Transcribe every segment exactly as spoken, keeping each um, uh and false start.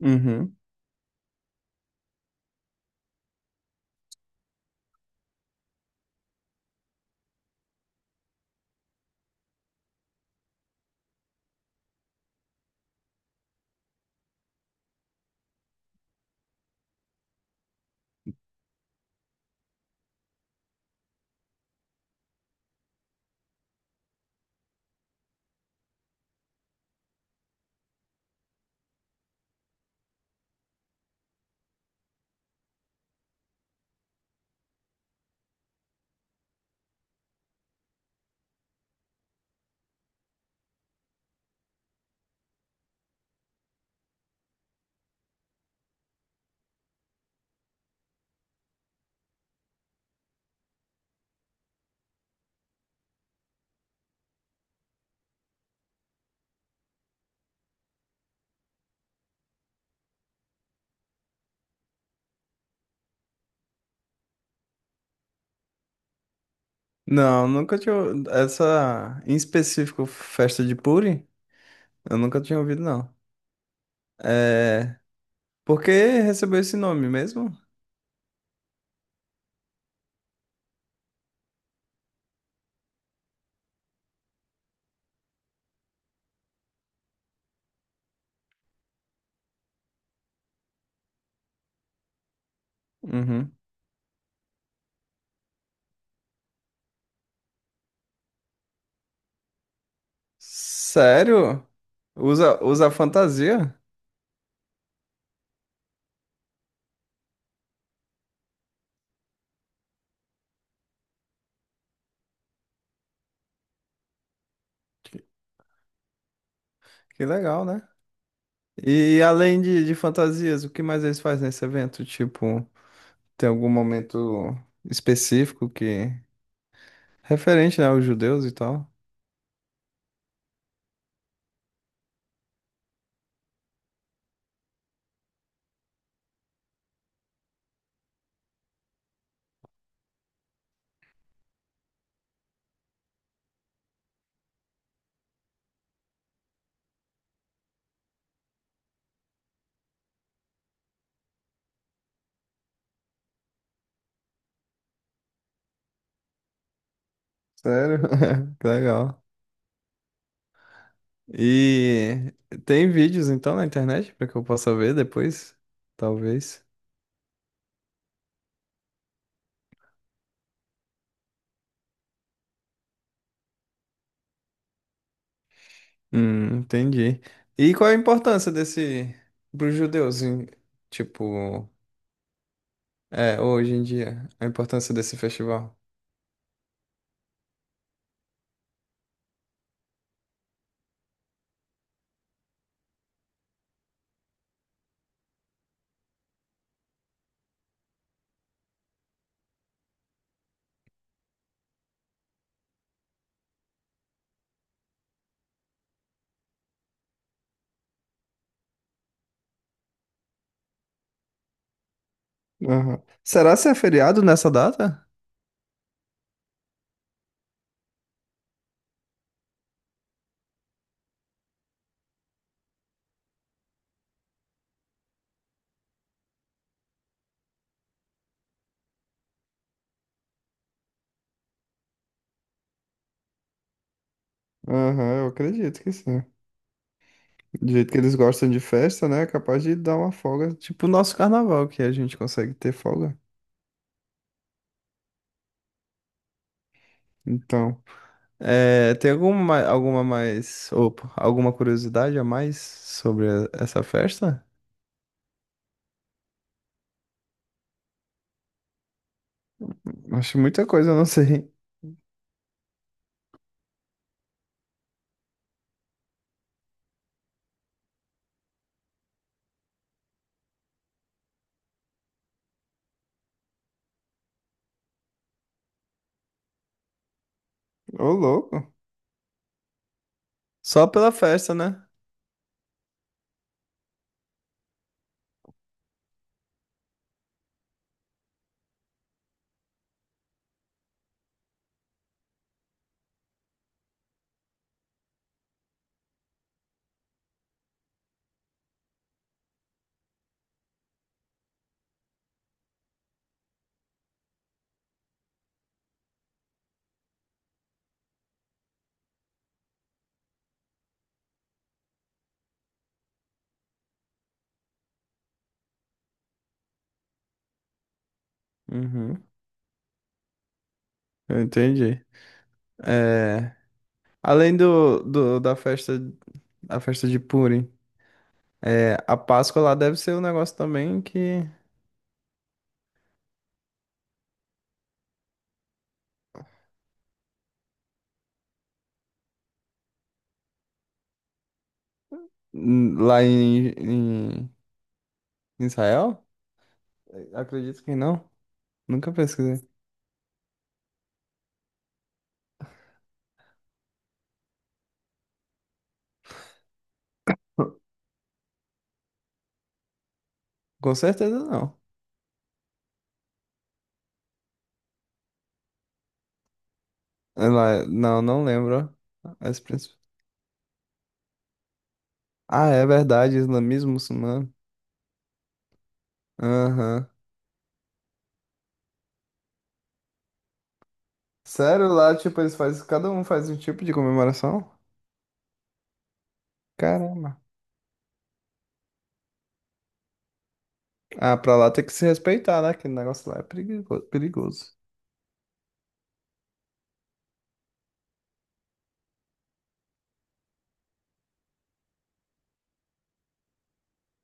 Uhum. Não, nunca tinha. Essa, em específico, festa de Puri, eu nunca tinha ouvido, não. É. Por que recebeu esse nome mesmo? Uhum. Sério? Usa, usa fantasia? Que que legal, né? E além de, de fantasias, o que mais eles fazem nesse evento? Tipo, tem algum momento específico que. Referente, né, aos judeus e tal? Sério? Que legal. E tem vídeos então na internet para que eu possa ver depois, talvez. Hum, entendi. E qual é a importância desse para os judeus, em- tipo, é, hoje em dia, a importância desse festival? Aham. Será se é feriado nessa data? Aham, eu acredito que sim. Do jeito que eles gostam de festa, né? É capaz de dar uma folga, tipo o nosso carnaval que a gente consegue ter folga. Então. É, tem alguma, alguma mais, opa, alguma curiosidade a mais sobre a- essa festa? Acho muita coisa, eu não sei. Ô, louco. Só pela festa, né? Uhum, eu entendi. É, além do, do- da festa, a festa de Purim, é, a Páscoa lá deve ser um negócio também que hum, lá em, em Israel? Acredito que não. Nunca pesquisei. Com certeza não. Ela, não, não lembro as. Ah, é verdade, islamismo muçulmano. Aham. Sério, lá, tipo, eles fazem, cada um faz um tipo de comemoração? Caramba. Ah, pra lá tem que se respeitar, né? Que o negócio lá é perigo- perigoso.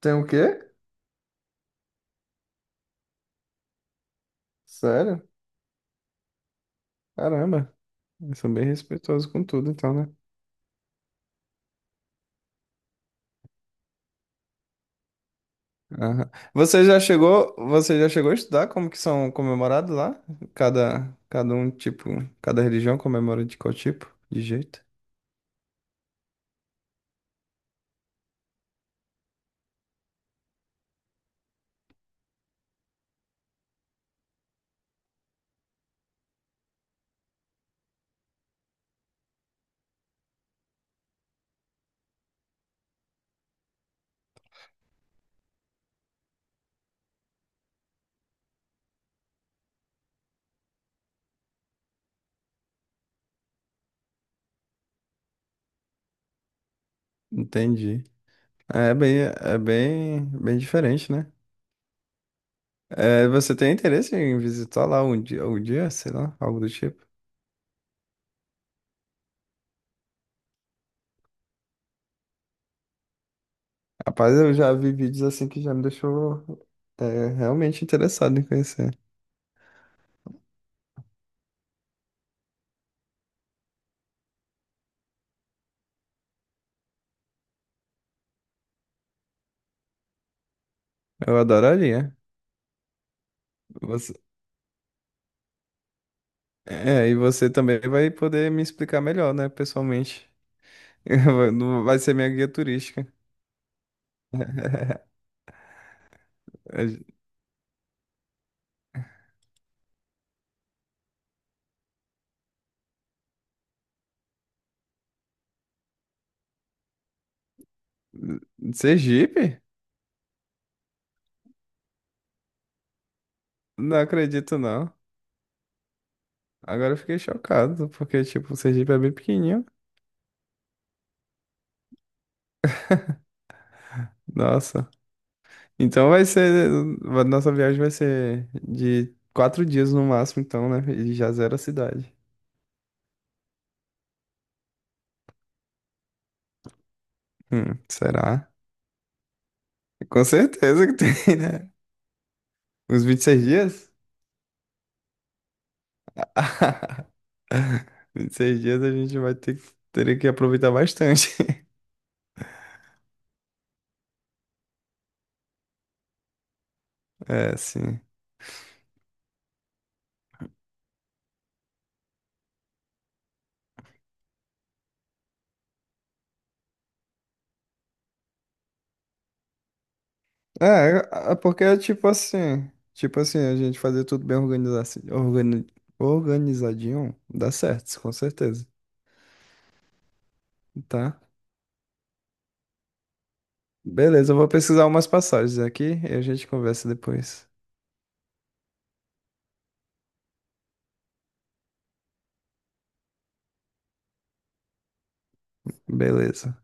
Tem o quê? Sério? Caramba. Eles são bem respeitosos com tudo, então, né? Aham. Você já chegou, você já chegou a estudar como que são comemorados lá? Cada, cada um, tipo, cada religião comemora de qual tipo? De jeito? Entendi. É bem, é bem, bem diferente, né? É, você tem interesse em visitar lá um dia, um dia, sei lá, algo do tipo? Rapaz, eu já vi vídeos assim que já me deixou é, realmente interessado em conhecer. Eu adoraria. Você, é, e você também vai poder me explicar melhor, né, pessoalmente. Eu- Não vai ser minha guia turística. Sergipe? Não acredito, não. Agora eu fiquei chocado, porque, tipo, o Sergipe é bem pequenininho. Nossa. Então vai ser. A nossa viagem vai ser de quatro dias no máximo, então, né? E já zero a cidade. Hum, será? Com certeza que tem, né? Uns vinte e seis dias? Vinte e seis dias a gente vai ter, que- teria que aproveitar bastante. É, sim. É, é porque é tipo assim. Tipo assim, a gente fazer tudo bem organiza- organi- organizadinho, dá certo, com certeza. Tá? Beleza, eu vou pesquisar umas passagens aqui e a gente conversa depois. Beleza.